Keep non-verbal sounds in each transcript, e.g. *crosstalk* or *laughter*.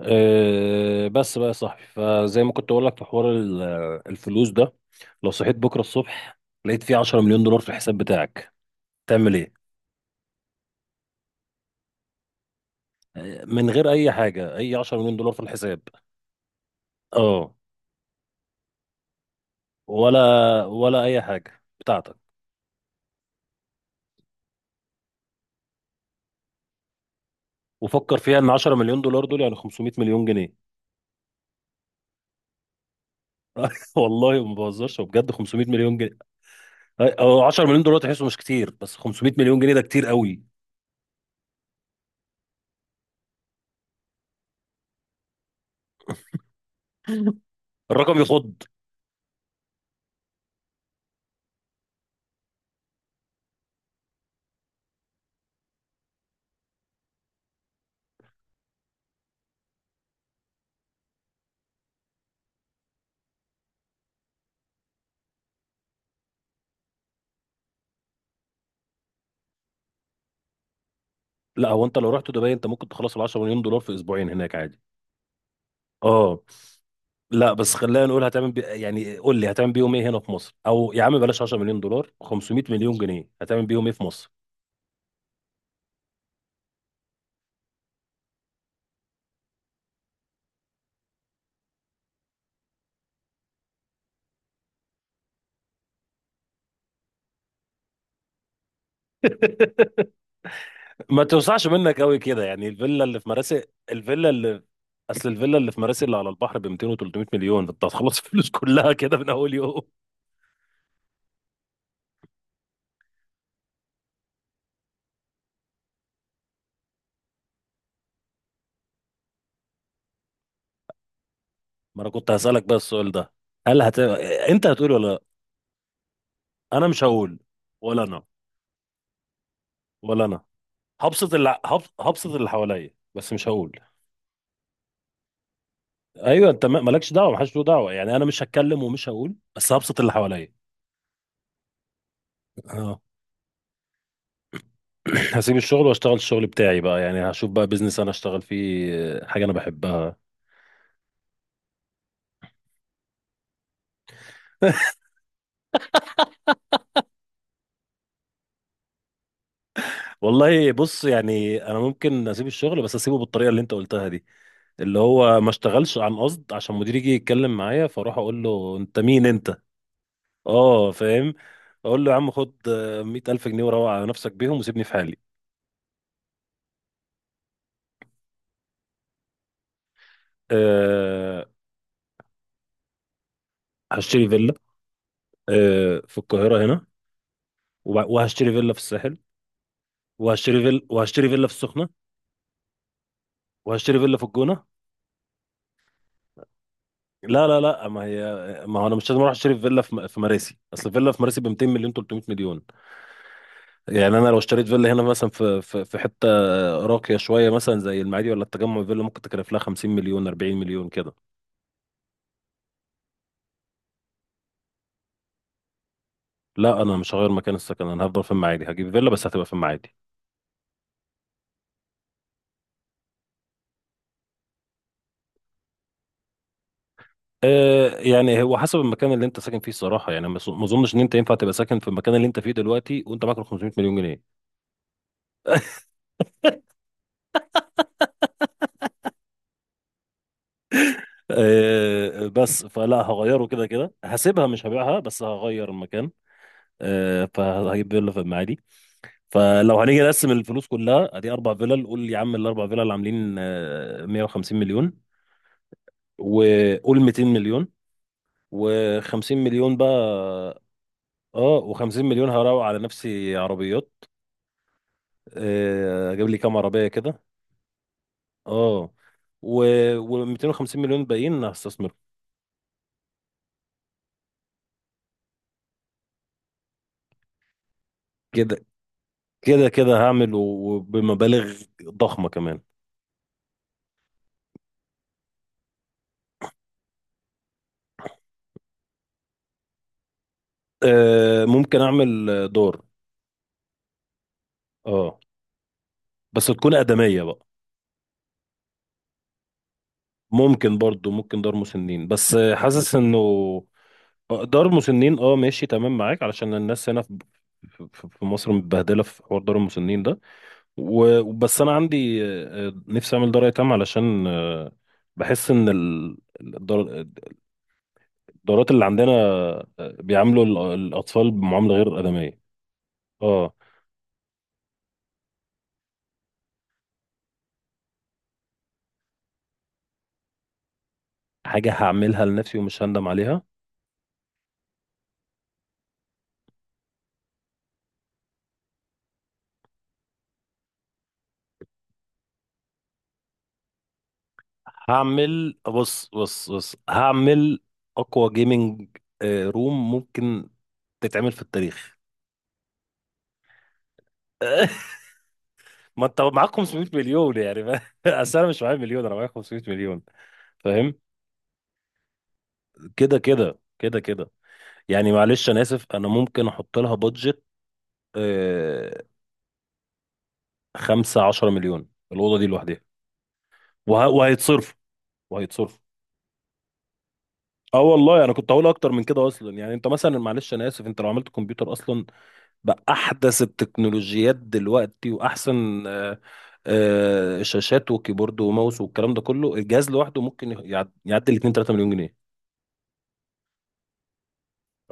بس بقى يا صاحبي فزي ما كنت اقول لك في حوار الفلوس ده. لو صحيت بكره الصبح لقيت فيه 10 مليون دولار في الحساب بتاعك تعمل ايه؟ من غير اي حاجه، اي 10 مليون دولار في الحساب. اه ولا ولا اي حاجه بتاعتك. وفكر فيها ان 10 مليون دولار دول يعني 500 مليون جنيه. *laughs* والله ما بهزرش، وبجد 500 مليون جنيه. او 10 مليون دولار تحسه مش كتير، بس 500 مليون جنيه ده كتير قوي. *laughs* الرقم يخض. لا، هو انت لو رحت دبي انت ممكن تخلص ال 10 مليون دولار في اسبوعين هناك عادي. اه لا، بس خلينا نقول هتعمل يعني قول لي هتعمل بيهم ايه هنا في مصر، او يا عم بلاش 10 مليون دولار، 500 مليون جنيه هتعمل بيهم ايه في مصر؟ *laughs* ما توسعش منك قوي كده، يعني الفيلا اللي في مراسي الفيلا اللي اصل الفيلا اللي في مراسي اللي على البحر ب 200 و300 مليون، انت هتخلص *laughs* الفلوس كلها كده من اول يوم. ما انا كنت هسألك بقى السؤال ده، هل هت... انت هتقول ولا لا؟ انا مش هقول. ولا انا ولا انا، هبسط اللي هبسط اللي حواليا بس مش هقول. ايوه، انت مالكش دعوه، محدش له دعوه، يعني انا مش هتكلم ومش هقول بس هبسط اللي حواليا. اه *clears throat* هسيب الشغل واشتغل الشغل بتاعي بقى، يعني هشوف بقى بيزنس انا اشتغل فيه، حاجه انا بحبها. *laughs* والله بص، يعني انا ممكن اسيب الشغل بس اسيبه بالطريقه اللي انت قلتها دي، اللي هو ما اشتغلش عن قصد عشان مديري يجي يتكلم معايا فاروح اقول له انت مين انت. اه، فاهم. اقول له يا عم خد 100 ألف جنيه وروح على نفسك بيهم وسيبني في حالي. أه، هشتري فيلا. أه، في القاهرة هنا. وهشتري فيلا في الساحل. وهشتري فيلا في السخنه. وهشتري فيلا في الجونه. لا لا لا، ما هي ما هو انا مش لازم اروح اشتري فيلا في في مراسي، اصل فيلا في مراسي ب 200 مليون 300 مليون. يعني انا لو اشتريت فيلا هنا مثلا في حته راقيه شويه مثلا زي المعادي ولا التجمع، فيلا ممكن تكلف لها 50 مليون 40 مليون كده. لا، انا مش هغير مكان السكن، انا هفضل في المعادي، هجيب فيلا بس هتبقى في المعادي. يعني هو حسب المكان اللي انت ساكن فيه الصراحه، يعني ما اظنش ان انت ينفع تبقى ساكن في المكان اللي انت فيه دلوقتي وانت معاك 500 مليون جنيه. بس فلا هغيره كده كده، هسيبها مش هبيعها بس هغير المكان. فهجيب فيلا في المعادي. فلو هنيجي نقسم الفلوس كلها ادي اربع فيلل، قول يا عم الاربع فيلل عاملين 150 مليون، وقول 200 مليون و50 مليون بقى. اه، و50 مليون هروق على نفسي عربيات، اجيب لي كام عربيه كده. اه و و250 مليون باقيين هستثمر. كده كده كده، هعمل وبمبالغ ضخمه كمان. ممكن اعمل دار. اه، بس تكون آدمية بقى. ممكن برضو، ممكن دار مسنين، بس حاسس انه دار مسنين. اه، ماشي تمام معاك علشان الناس هنا في مصر متبهدلة في حوار دار المسنين ده. وبس انا عندي نفسي اعمل دار ايتام علشان بحس ان الدارات اللي عندنا بيعاملوا الاطفال بمعاملة غير آدمية. اه، حاجة هعملها لنفسي ومش هندم عليها. هعمل، بص بص بص، هعمل اقوى جيمنج روم ممكن تتعمل في التاريخ. *laughs* ما انت معاك 500 مليون يعني *laughs* اصل انا مش معايا مليون، انا معايا 500 مليون فاهم. كده كده كده كده، يعني معلش انا اسف، انا ممكن احط لها بادجت آه، 5 10 مليون الاوضه دي لوحدها. وهيتصرف وهيتصرف. اه والله انا كنت هقول اكتر من كده اصلا، يعني انت مثلا معلش انا اسف، انت لو عملت كمبيوتر اصلا بأحدث التكنولوجيات دلوقتي وأحسن شاشات وكيبورد وماوس والكلام ده كله، الجهاز لوحده ممكن يعدي ال 2 3 مليون جنيه.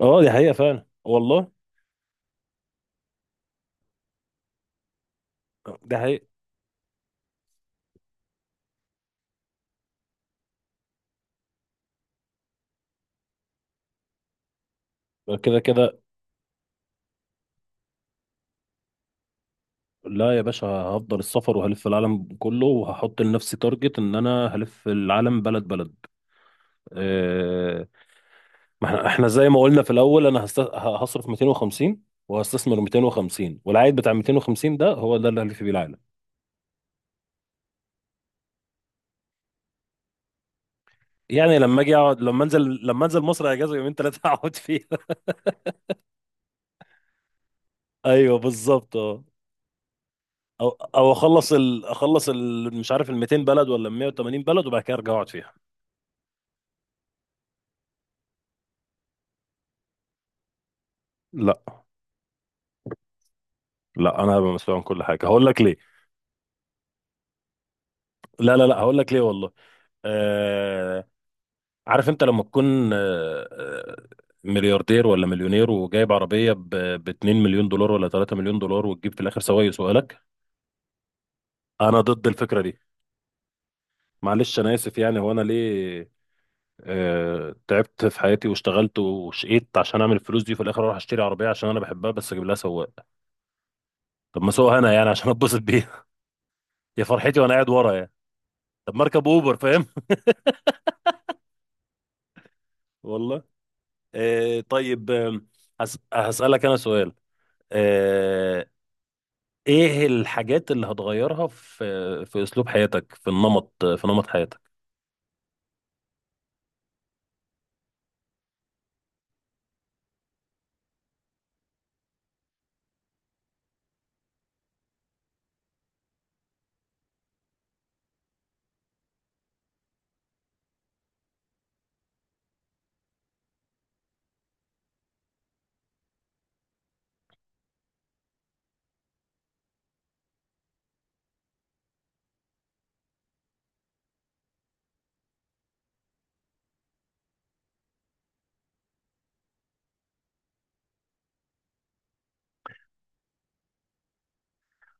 اه، دي حقيقة فعلا والله. ده حقيقة. كده كده، لا يا باشا، هفضل السفر وهلف العالم كله، وهحط لنفسي تارجت ان انا هلف العالم بلد بلد. آه، ما احنا زي ما قلنا في الاول، انا هصرف 250 وهستثمر 250 والعائد بتاع 250 ده هو ده اللي هلف بيه العالم. يعني لما اجي اقعد لما انزل لما انزل مصر اجازه يومين ثلاثه اقعد فيها. *laughs* ايوه بالظبط، اه. او او اخلص ال... مش عارف ال 200 بلد ولا ال 180 بلد، وبعد كده ارجع اقعد فيها. لا لا، انا هبقى مسؤول عن كل حاجه هقول لك ليه. لا لا لا، هقول لك ليه والله. آه... عارف، انت لما تكون ملياردير ولا مليونير وجايب عربيه ب 2 مليون دولار ولا 3 مليون دولار، وتجيب في الاخر سواق يسوقها لك. انا ضد الفكره دي. معلش انا اسف، يعني هو انا ليه تعبت في حياتي واشتغلت وشقيت عشان اعمل الفلوس دي، وفي الاخر اروح اشتري عربيه عشان انا بحبها بس اجيب لها سواق؟ طب ما اسوقها انا يعني عشان اتبسط بيها. *laughs* يا فرحتي وانا قاعد ورا يعني، طب ما اركب اوبر فاهم. *laughs* والله. طيب هسالك انا سؤال، آه، ايه الحاجات اللي هتغيرها في اسلوب حياتك، في نمط حياتك؟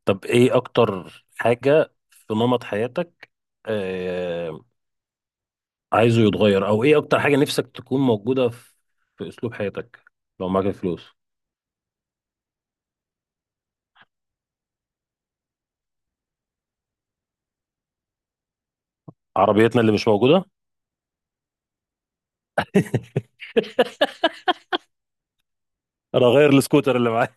طب ايه اكتر حاجه في نمط حياتك آه، عايزه يتغير، او ايه اكتر حاجه نفسك تكون موجوده في في اسلوب حياتك لو معاك الفلوس؟ عربيتنا اللي مش موجوده. انا اغير السكوتر اللي معايا.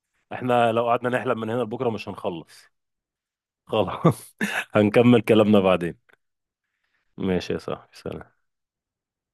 *laughs* احنا لو قعدنا نحلم من هنا لبكره مش هنخلص. خلاص. *laughs* هنكمل كلامنا بعدين. ماشي يا صاحبي، سلام.